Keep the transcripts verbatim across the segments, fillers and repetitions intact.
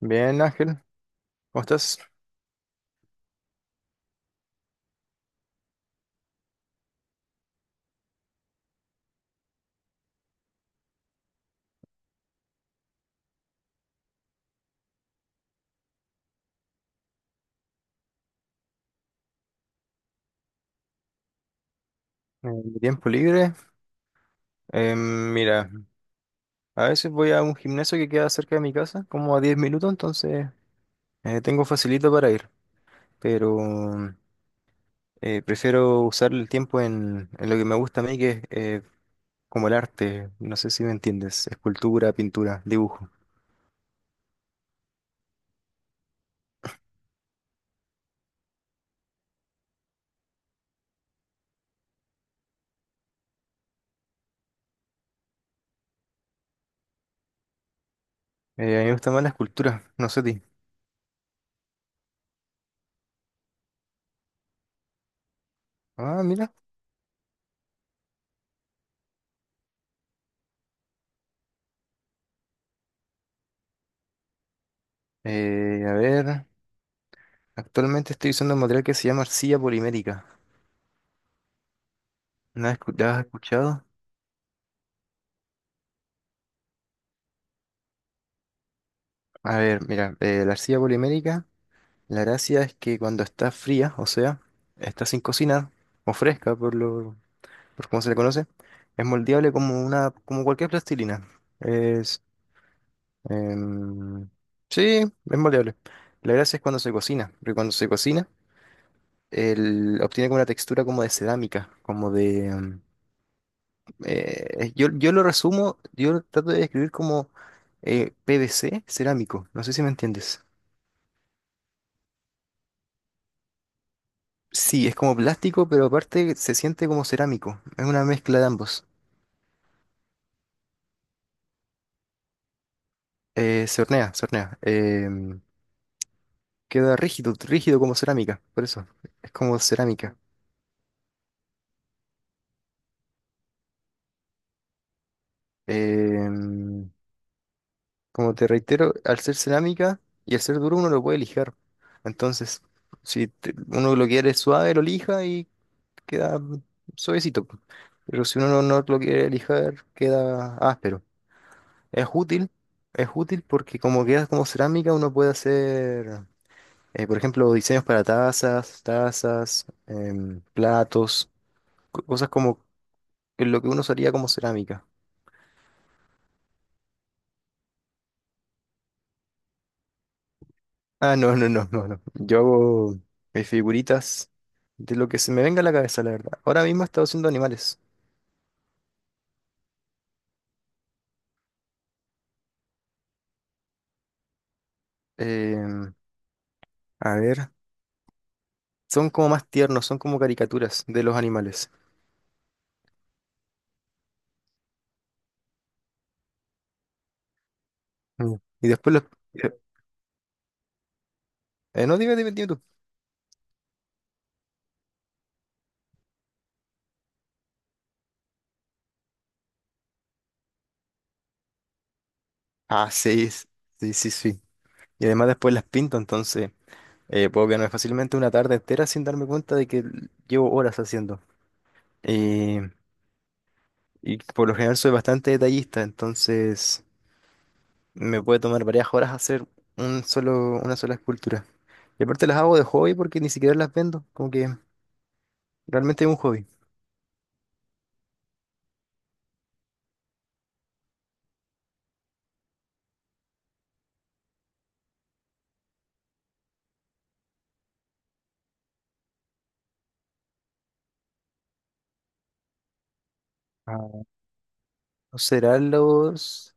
Bien, Ángel, ¿cómo estás? En mi tiempo libre, eh, mira, a veces voy a un gimnasio que queda cerca de mi casa, como a diez minutos. Entonces eh, tengo facilito para ir, pero eh, prefiero usar el tiempo en, en lo que me gusta a mí, que es eh, como el arte, no sé si me entiendes: escultura, pintura, dibujo. Eh, a mí me gusta más la escultura, no sé a ti. Ah, mira, eh, a ver, actualmente estoy usando un material que se llama arcilla polimérica. ¿La has escu- La has escuchado? A ver, mira, eh, la arcilla polimérica, la gracia es que cuando está fría, o sea, está sin cocinar, o fresca por lo, por cómo se le conoce, es moldeable como una, como cualquier plastilina. Es, em, sí, es moldeable. La gracia es cuando se cocina, porque cuando se cocina, el, obtiene como una textura como de cerámica, como de, em, eh, yo, yo lo resumo, yo lo trato de describir como eh, P V C cerámico, no sé si me entiendes. Sí, es como plástico, pero aparte se siente como cerámico. Es una mezcla de ambos. Eh, se hornea, se hornea. Em, queda rígido, rígido como cerámica, por eso. Es como cerámica. Em, Como te reitero, al ser cerámica y al ser duro, uno lo puede lijar. Entonces, si te- uno lo quiere suave, lo lija y queda suavecito. Pero si uno no, no lo quiere lijar, queda áspero. Es útil, es útil porque como queda como cerámica, uno puede hacer… Eh, por ejemplo, diseños para tazas, tazas, em, platos, co- cosas como lo que uno usaría como cerámica. Ah, no, no, no, no, no. Yo hago mis figuritas de lo que se me venga a la cabeza, la verdad. Ahora mismo he estado haciendo animales. Em, a ver, son como más tiernos, son como caricaturas de los animales. Mm. Y después los… eh, no, dime, dime, dime tú. Ah, sí, es- sí, sí, sí. Y además después las pinto, entonces… Eh, puedo quedarme fácilmente una tarde entera sin darme cuenta de que llevo horas haciendo. Eh, y por lo general soy bastante detallista, entonces me puede tomar varias horas hacer un solo, una sola escultura. Y aparte las hago de hobby porque ni siquiera las vendo, como que realmente es un hobby. Ah, ¿no serán los…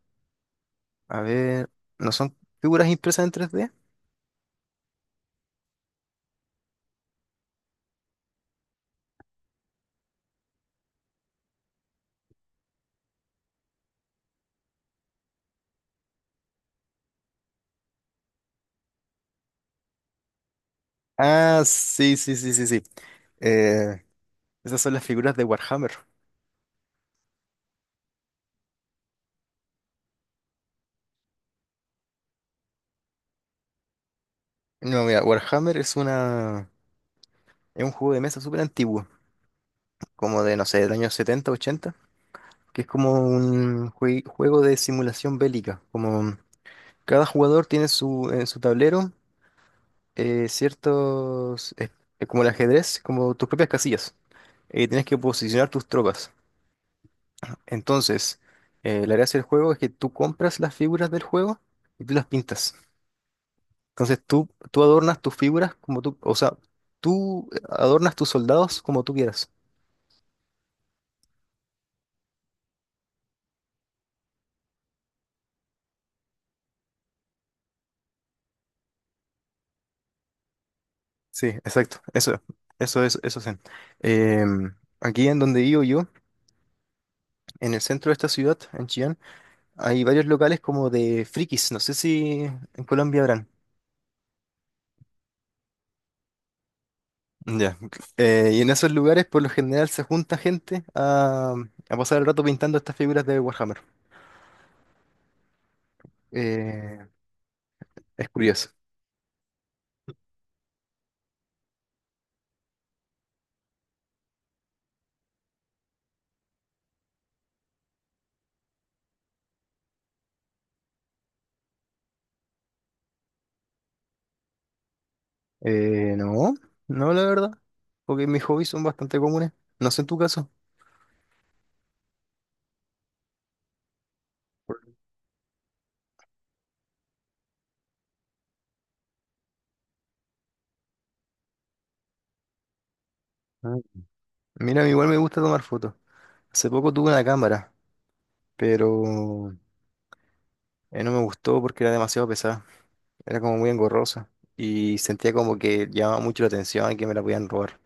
A ver, ¿no son figuras impresas en tres D? Ah, sí, sí, sí, sí, sí. Eh, esas son las figuras de Warhammer. No, mira, Warhammer es una… Es un juego de mesa súper antiguo, como de, no sé, del año setenta, ochenta, que es como un jue- juego de simulación bélica. Como cada jugador tiene su, en su tablero eh, ciertos, eh, como el ajedrez, como tus propias casillas. Eh, tienes que posicionar tus tropas. Entonces, eh, la gracia del juego es que tú compras las figuras del juego y tú las pintas. Entonces tú, tú adornas tus figuras como tú, o sea, tú adornas tus soldados como tú quieras. Sí, exacto. Eso, eso es, eso es. Em, aquí en donde vivo yo, en el centro de esta ciudad, en Chillán, hay varios locales como de frikis. No sé si en Colombia habrán. Ya. Eh, y en esos lugares, por lo general, se junta gente a, a pasar el rato pintando estas figuras de Warhammer. Eh, es curioso. Eh, no, no, la verdad. Porque mis hobbies son bastante comunes. No sé en tu caso. Ah. Mira, igual me gusta tomar fotos. Hace poco tuve una cámara, pero Eh, no me gustó porque era demasiado pesada, era como muy engorrosa y sentía como que llamaba mucho la atención y que me la podían robar.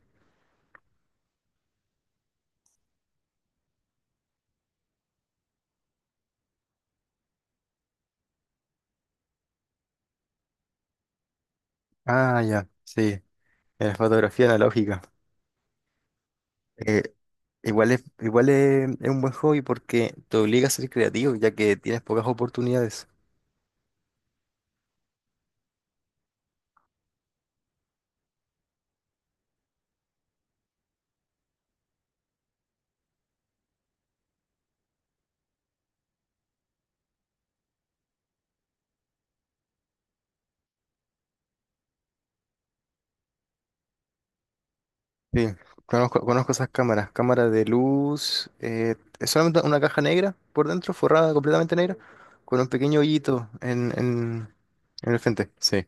Ah, ya, sí, en la fotografía analógica. Eh, igual es, igual es, es un buen hobby porque te obliga a ser creativo ya que tienes pocas oportunidades. Sí, conozco, conozco esas cámaras, cámaras de luz. Eh, es solamente una caja negra por dentro, forrada completamente negra, con un pequeño hoyito en, en, en el frente. Sí,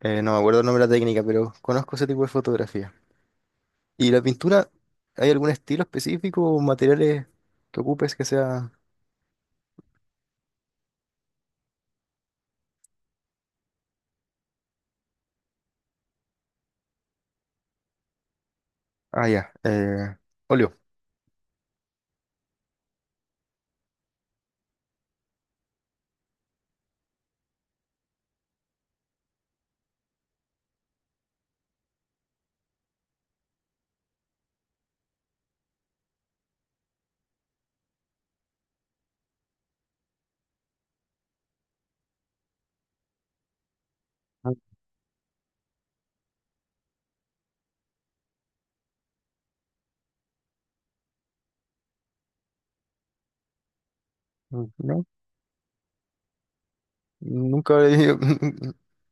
Eh, no me acuerdo el nombre de la técnica, pero conozco ese tipo de fotografía. ¿Y la pintura, hay algún estilo específico o materiales que ocupes que sea… Ah, ya, eh, óleo. Ah, ah, no, nunca había…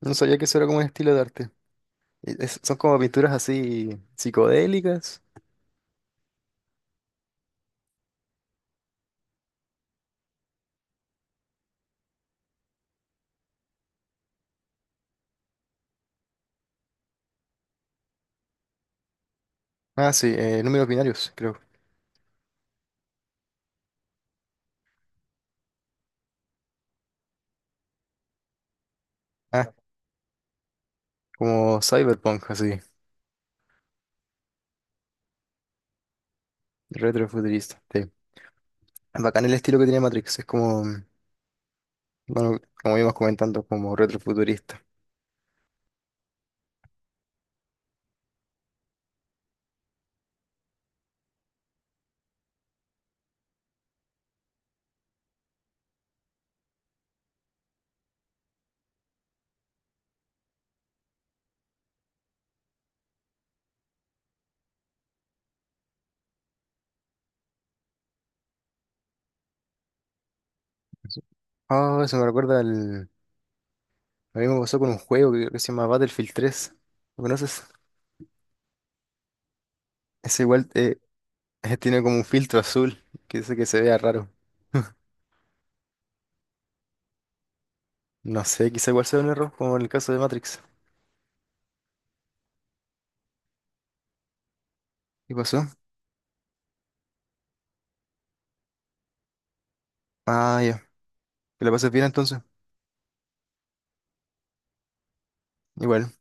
No sabía que eso era como un estilo de arte. Y es- son como pinturas así psicodélicas. Ah, sí, eh, números binarios, creo. Ah, como cyberpunk, así, retrofuturista. Sí. Es bacán el estilo que tiene Matrix, es como, bueno, como íbamos comentando, como retrofuturista. Ah, eso me recuerda al… A mí me pasó con un juego que, que se llama Battlefield tres. ¿Lo conoces? Ese igual eh, tiene como un filtro azul que hace que se vea raro. No sé, quizá igual sea un error, como en el caso de Matrix. ¿Qué pasó? Ah, ya. Que la pases bien entonces. Igual.